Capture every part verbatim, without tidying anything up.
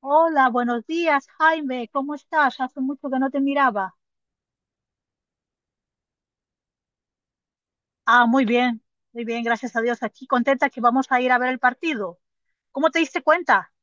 Hola, buenos días, Jaime. ¿Cómo estás? Hace mucho que no te miraba. Ah, muy bien, muy bien, gracias a Dios. Aquí contenta que vamos a ir a ver el partido. ¿Cómo te diste cuenta?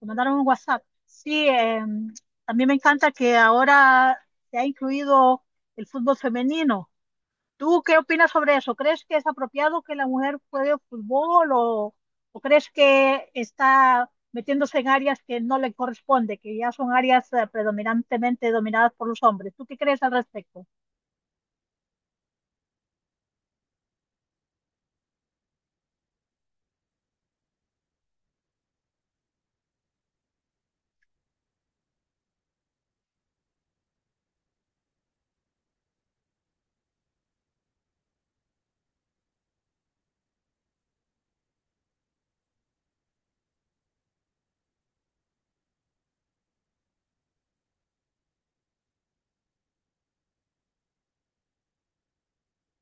Te mandaron un WhatsApp. Sí, eh, a mí me encanta que ahora se ha incluido el fútbol femenino. ¿Tú qué opinas sobre eso? ¿Crees que es apropiado que la mujer juegue fútbol o, o crees que está metiéndose en áreas que no le corresponde, que ya son áreas eh, predominantemente dominadas por los hombres? ¿Tú qué crees al respecto?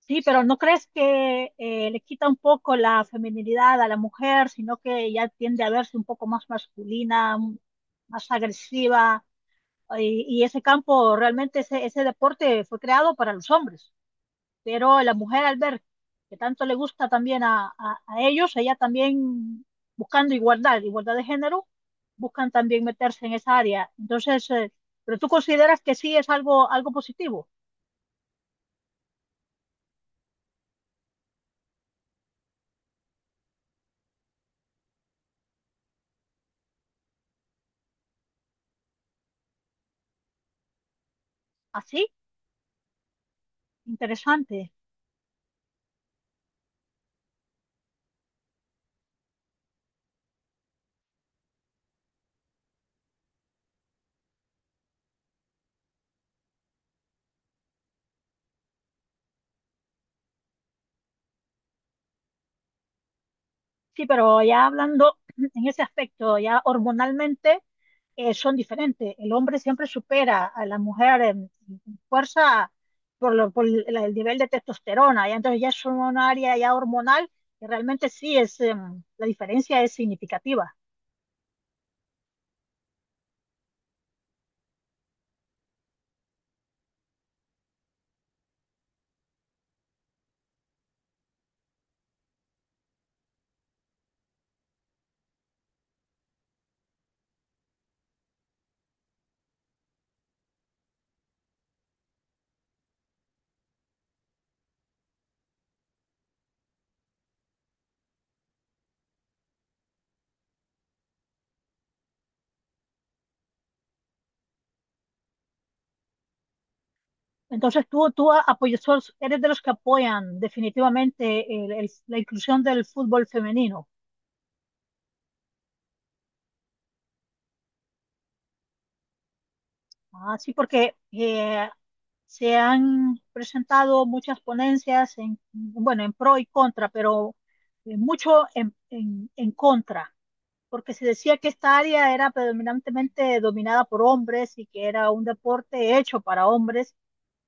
Sí, pero ¿no crees que eh, le quita un poco la feminilidad a la mujer, sino que ya tiende a verse un poco más masculina, m- más agresiva? Y, y ese campo, realmente ese, ese deporte fue creado para los hombres. Pero la mujer al ver que tanto le gusta también a, a- a ellos, ella también buscando igualdad, igualdad de género, buscan también meterse en esa área. Entonces, eh, pero tú consideras que sí es algo, algo positivo. Así, interesante. Sí, pero ya hablando en ese aspecto, ya hormonalmente. Eh, son diferentes. El hombre siempre supera a la mujer en, en fuerza por, lo- por el, el nivel de testosterona, y entonces ya es un área ya hormonal que realmente sí es, em, la diferencia es significativa. Entonces tú, tú apoyas, sos- eres de los que apoyan definitivamente el- el- la inclusión del fútbol femenino. Así porque eh, se han presentado muchas ponencias en, bueno, en pro y contra, pero eh, mucho en, en en contra porque se decía que esta área era predominantemente dominada por hombres y que era un deporte hecho para hombres.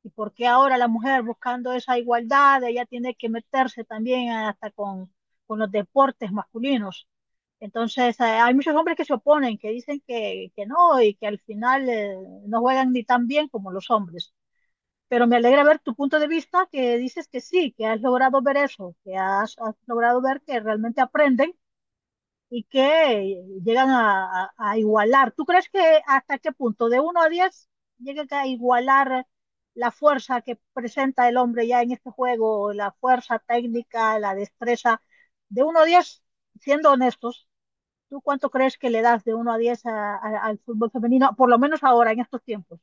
¿Y por qué ahora la mujer buscando esa igualdad, ella tiene que meterse también hasta con, con los deportes masculinos? Entonces, eh, hay muchos hombres que se oponen, que dicen que, que no y que al final eh, no juegan ni tan bien como los hombres. Pero me alegra ver tu punto de vista, que dices que sí, que has logrado ver eso, que has, has logrado ver que realmente aprenden y que llegan a, a- a igualar. ¿Tú crees que hasta qué punto, de uno a diez, llega a igualar la fuerza que presenta el hombre ya en este juego, la fuerza técnica, la destreza? De uno a diez, siendo honestos, ¿tú cuánto crees que le das de uno a diez a- a- al fútbol femenino, por lo menos ahora, en estos tiempos?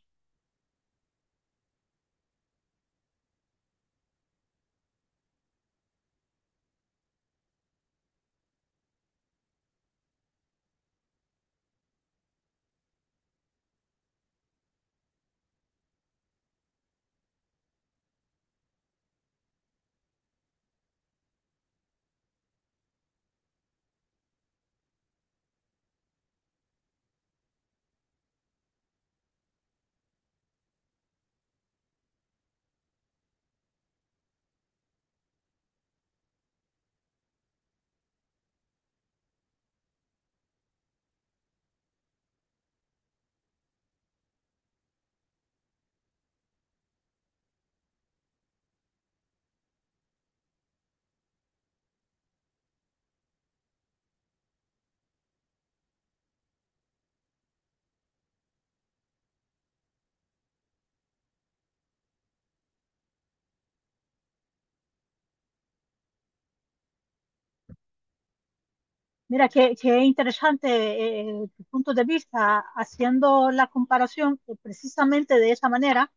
Mira, qué, qué interesante eh, eh, tu punto de vista haciendo la comparación eh, precisamente de esa manera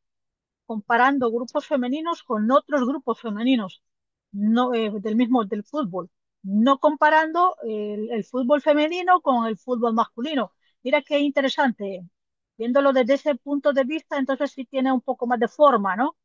comparando grupos femeninos con otros grupos femeninos no, eh, del mismo del fútbol, no comparando el, el fútbol femenino con el fútbol masculino. Mira qué interesante. Viéndolo desde ese punto de vista, entonces sí tiene un poco más de forma, ¿no?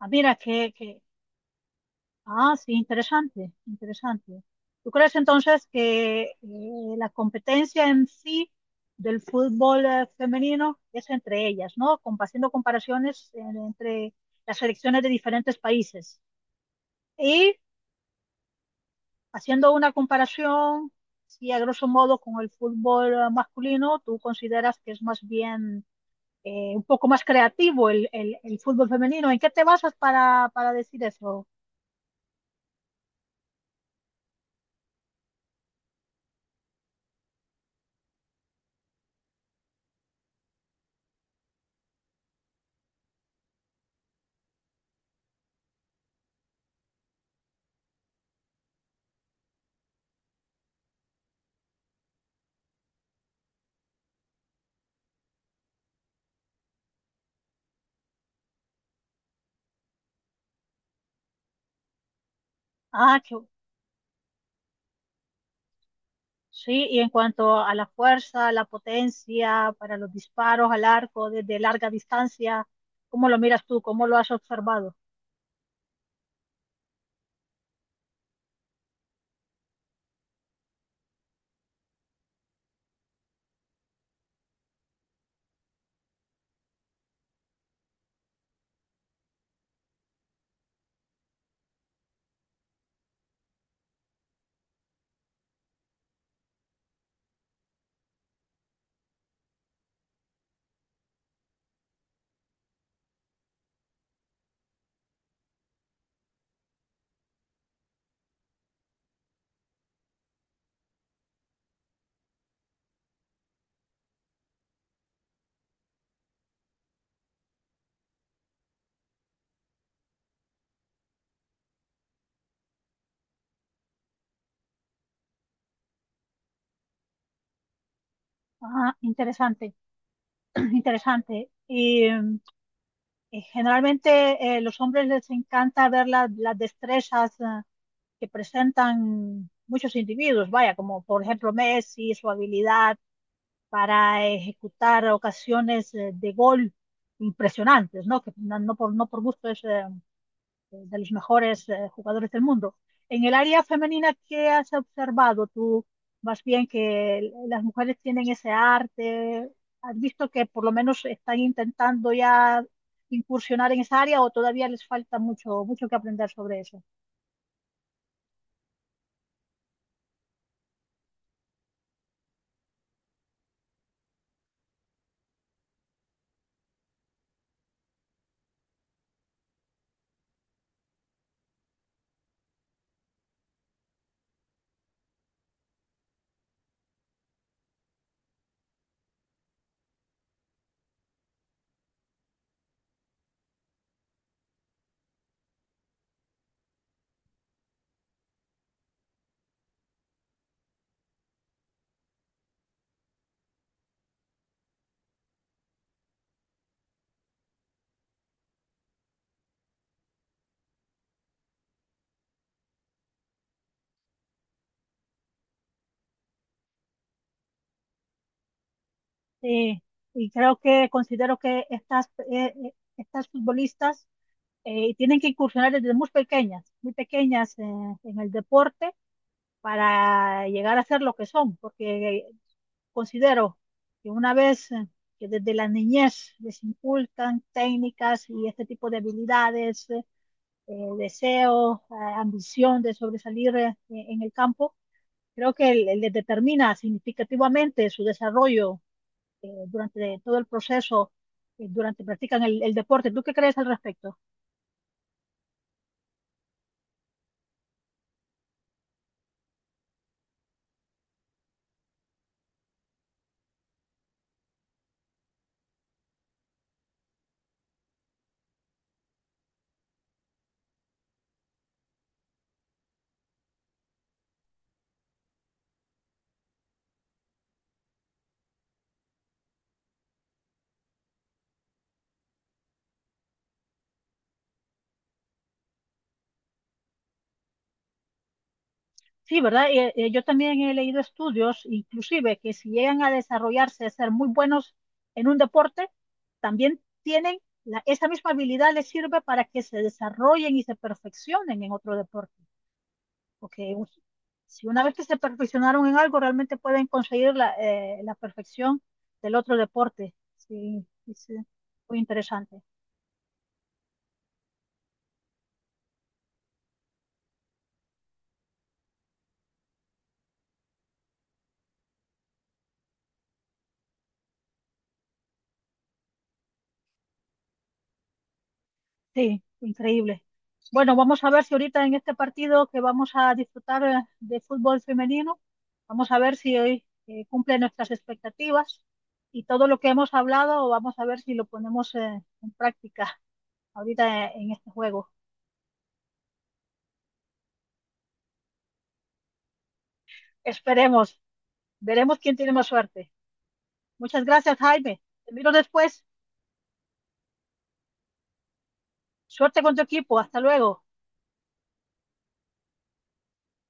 Ah, mira, qué, qué, ah, sí, interesante, interesante. ¿Tú crees entonces que eh, la competencia en sí del fútbol eh, femenino es entre ellas, ¿no? Com- haciendo comparaciones eh, entre las selecciones de diferentes países y haciendo una comparación, si a grosso modo con el fútbol eh, masculino, ¿tú consideras que es más bien eh, un poco más creativo el, el- el fútbol femenino? ¿En qué te basas para, para decir eso? Ah, qué, sí, y en cuanto a la fuerza, la potencia para los disparos al arco desde larga distancia, ¿cómo lo miras tú? ¿Cómo lo has observado? Ah, interesante, interesante. Y mm, eh, generalmente eh, los hombres les encanta ver la- las destrezas ah, que presentan muchos individuos, vaya, como por ejemplo Messi, su habilidad para ejecutar ocasiones eh, de gol impresionantes, ¿no? Que no no por, no por gusto es, eh, de los mejores eh, jugadores del mundo. En el área femenina, ¿qué has observado tú? Más bien que l- las mujeres tienen ese arte. ¿Has visto que por lo menos están intentando ya incursionar en esa área o todavía les falta mucho, mucho que aprender sobre eso? Sí, y creo que considero que estas, eh, eh, estas futbolistas eh, tienen que incursionar desde muy pequeñas, muy pequeñas eh, en el deporte para llegar a ser lo que son, porque considero que una vez eh, que desde la niñez les inculcan técnicas y este tipo de habilidades, eh, eh, deseo, eh, ambición de sobresalir eh, en el campo, creo que les determina significativamente su desarrollo eh, durante todo el proceso, eh, durante practican el, el deporte. ¿Tú qué crees al respecto? Sí, ¿verdad? Eh, eh, yo también he leído estudios, inclusive, que si llegan a desarrollarse, a ser muy buenos en un deporte, también tienen la- esa misma habilidad les sirve para que se desarrollen y se perfeccionen en otro deporte. Porque u- si una vez que se perfeccionaron en algo, realmente pueden conseguir la, eh, la perfección del otro deporte. Sí, sí, sí, muy interesante. Sí, increíble. Bueno, vamos a ver si ahorita en este partido que vamos a disfrutar eh, de fútbol femenino, vamos a ver si hoy eh, cumple nuestras expectativas y todo lo que hemos hablado, vamos a ver si lo ponemos eh, en práctica ahorita eh, en este juego. Esperemos, veremos quién tiene más suerte. Muchas gracias, Jaime. Te miro después. Suerte con tu equipo. Hasta luego.